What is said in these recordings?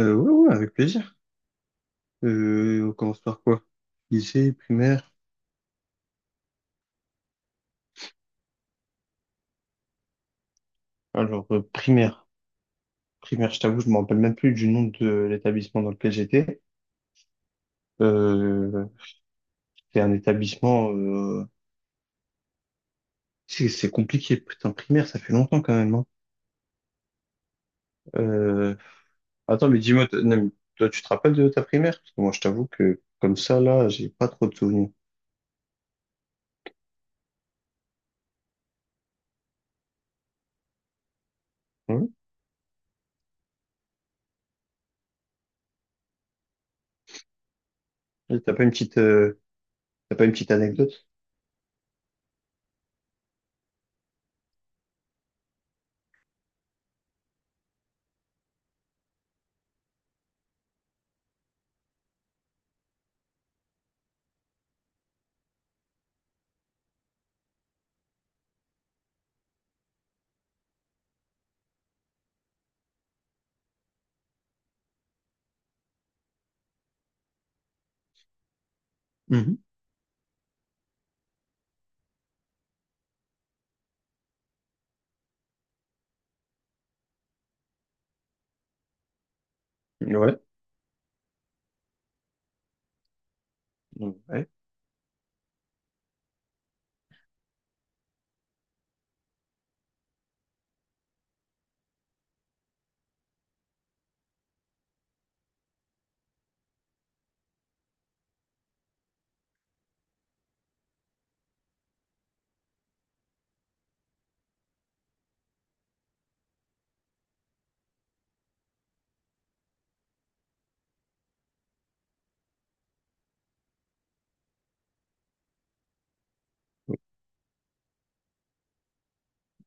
Ouais, ouais, avec plaisir. On commence par quoi? Lycée, primaire. Alors, primaire. Primaire, je t'avoue, je me rappelle même plus du nom de l'établissement dans lequel j'étais. Euh, c'était un établissement. C'est compliqué, putain, primaire, ça fait longtemps quand même, hein. Euh, Attends, mais dis-moi, non, mais toi, tu te rappelles de ta primaire? Parce que moi, je t'avoue que comme ça, là, j'ai pas trop de souvenirs. Hein. Et t'as pas une petite anecdote? Ouais. Ouais.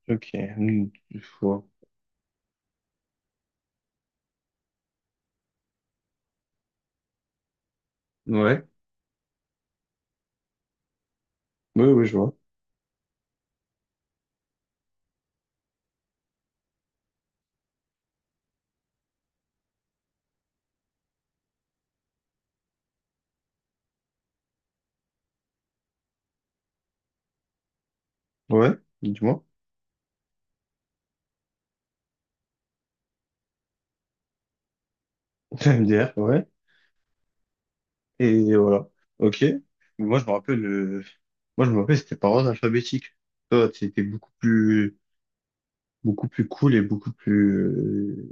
Ok. Hmm, je vois. Ouais. Oui, oui, je vois. Ouais. Dis-moi. MDR, ouais. Et voilà. Ok. Moi, je me rappelle, c'était par ordre alphabétique. Toi, c'était beaucoup plus cool et beaucoup plus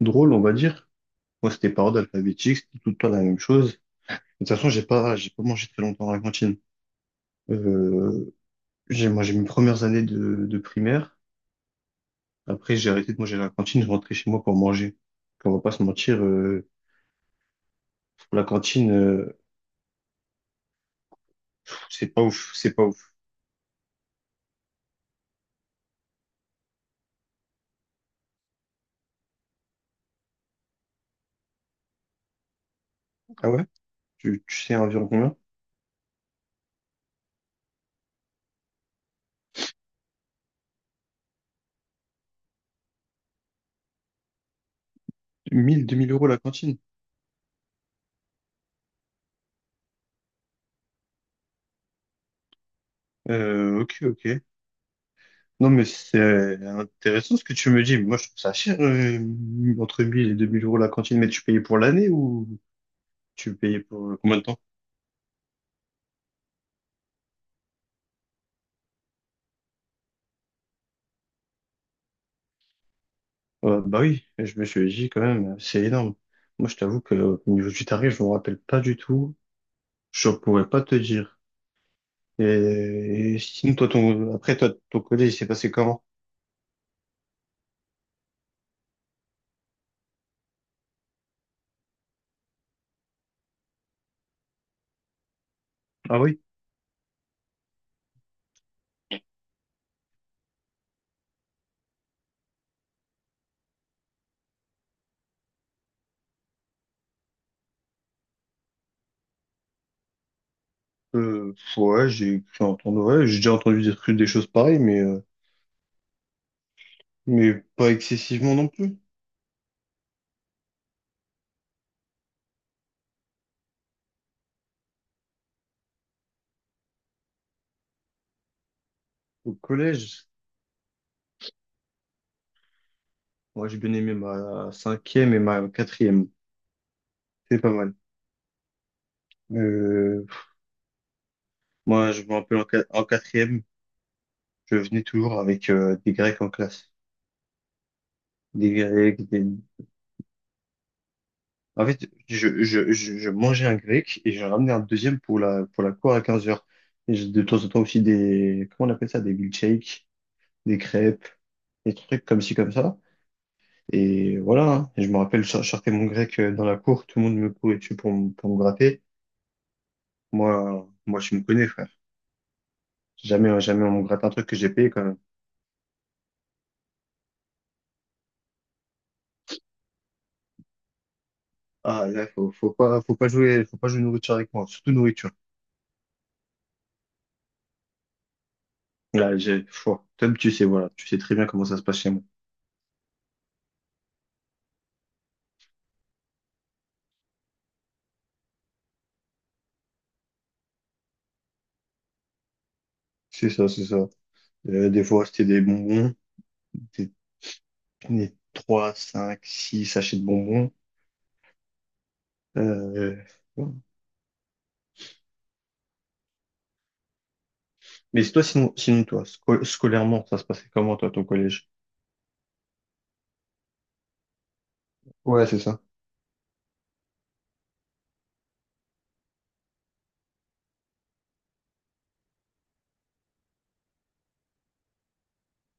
drôle, on va dire. Moi, c'était par ordre alphabétique, c'était tout le temps la même chose. De toute façon, j'ai pas mangé très longtemps à la cantine. Euh, Moi, j'ai mes premières années de primaire. Après, j'ai arrêté de manger à la cantine, je rentrais chez moi pour manger. On va pas se mentir, la cantine, c'est pas ouf, c'est pas ouf. Ah ouais? Tu sais environ combien? 1000, 2000 euros la cantine. Ok, ok. Non, mais c'est intéressant ce que tu me dis. Moi, je trouve ça cher, entre 1000 et 2000 euros la cantine. Mais tu payais pour l'année ou tu payais pour combien de temps? Bah oui, je me suis dit quand même, c'est énorme. Moi, je t'avoue que au niveau du tarif, je me rappelle pas du tout. Je pourrais pas te dire. Et sinon, toi, ton collège, il s'est passé comment? Ah oui? Ouais, j'ai entendu, ouais, j'ai déjà entendu des trucs, des choses pareilles, mais pas excessivement non plus. Au collège, moi, j'ai bien aimé ma cinquième et ma quatrième. C'est pas mal. Euh, Moi, je me rappelle en quatrième, je venais toujours avec des Grecs en classe. Des Grecs, en fait, je mangeais un grec et j'en ramenais un deuxième pour la cour à 15 heures. Et j'ai de temps en temps aussi des, comment on appelle ça, des milkshakes, des crêpes, des trucs comme ci, comme ça. Et voilà, hein. Et je me rappelle, je sortais mon grec, dans la cour, tout le monde me courait dessus pour me gratter. Moi, moi, je me connais, frère. Jamais, jamais on me gratte un truc que j'ai payé quand même. Ah, là, faut pas jouer nourriture avec moi, surtout nourriture. Là, Tom, tu sais, voilà, tu sais très bien comment ça se passe chez moi. C'est ça, c'est ça. Des fois, c'était des bonbons, des, des 3, 5, 6 sachets de bonbons. Euh, voilà. Mais c'est toi, sinon, scolairement, ça se passait comment, toi, ton collège? Ouais, c'est ça.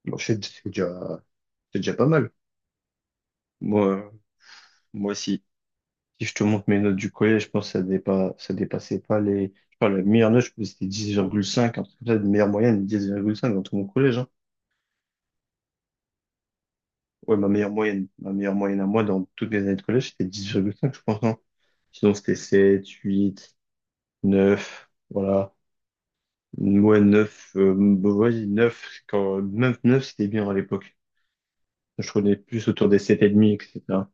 Bon, c'est déjà pas mal. Moi, moi aussi. Si je te montre mes notes du collège, je pense que ça dépassait pas les. Je parle la meilleure note, je pense que c'était 10,5, un truc comme ça, de meilleure moyenne, 10,5 dans tout mon collège, hein. Ouais, ma meilleure moyenne à moi dans toutes mes années de collège, c'était 10,5, je pense, hein. Sinon, c'était sept, huit, neuf, voilà. Ouais, neuf, bah, vas-y, neuf, même neuf, c'était bien à l'époque. Je connais plus autour des sept et demi, etc.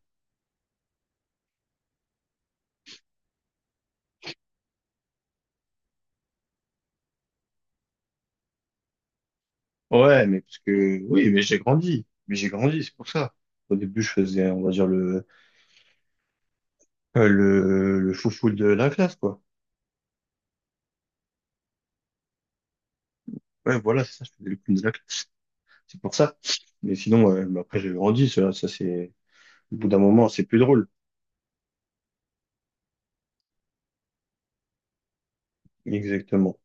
Ouais, mais parce que, oui, mais j'ai grandi. Mais j'ai grandi, c'est pour ça. Au début, je faisais, on va dire, le foufou de la classe, quoi. Ouais, voilà, c'est ça, je faisais le clown de la classe. C'est pour ça. Mais sinon, ouais, mais après, j'ai grandi, ça, au bout d'un moment, c'est plus drôle. Exactement.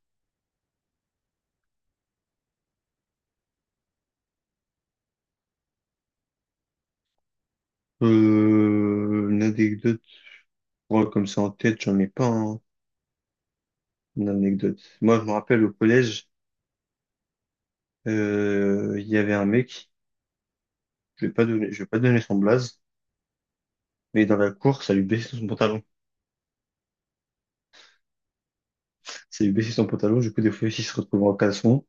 Une anecdote, ouais, comme ça en tête, j'en ai pas, hein. Une anecdote. Moi, je me rappelle au collège, il y avait un mec, je vais pas donner son blaze, mais dans la cour, ça lui baissait son pantalon. Ça lui baissait son pantalon, du coup, des fois, il se retrouvait en caleçon.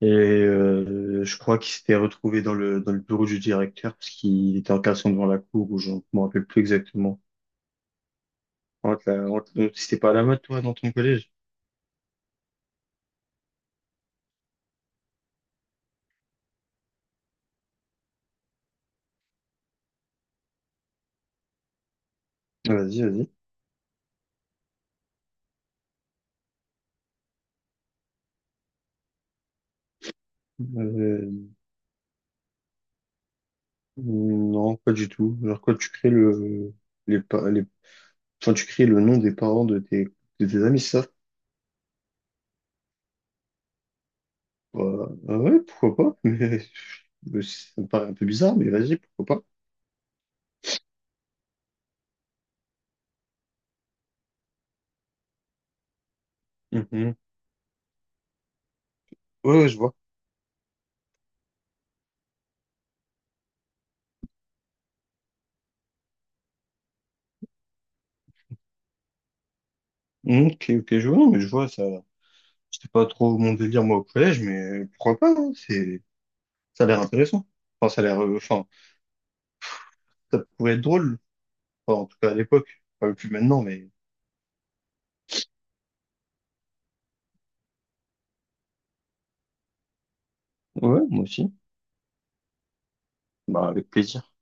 Je crois qu'il s'était retrouvé dans le bureau du directeur, parce qu'il était en caleçon devant la cour, ou je ne me rappelle plus exactement. On te l'a- on te- on- C'était pas à la mode, toi, dans ton collège? Vas-y, vas-y. Euh, non, pas du tout. Alors, quand tu crées le, les, pa- les, enfin, tu crées le nom des parents de tes amis, c'est ça? Bah, ah ouais, pourquoi pas? Mais, ça me paraît un peu bizarre, mais vas-y, pourquoi pas? Mhm. Ouais, ouais, je vois. Mm, ok, ok, je vois, non, mais je vois, ça, c'était pas trop mon délire, moi, au collège, mais pourquoi pas, hein, ça a l'air intéressant. Enfin, ça a l'air, enfin, ça pourrait être drôle. Enfin, en tout cas à l'époque, enfin, plus maintenant, mais ouais, moi aussi. Bah, avec plaisir.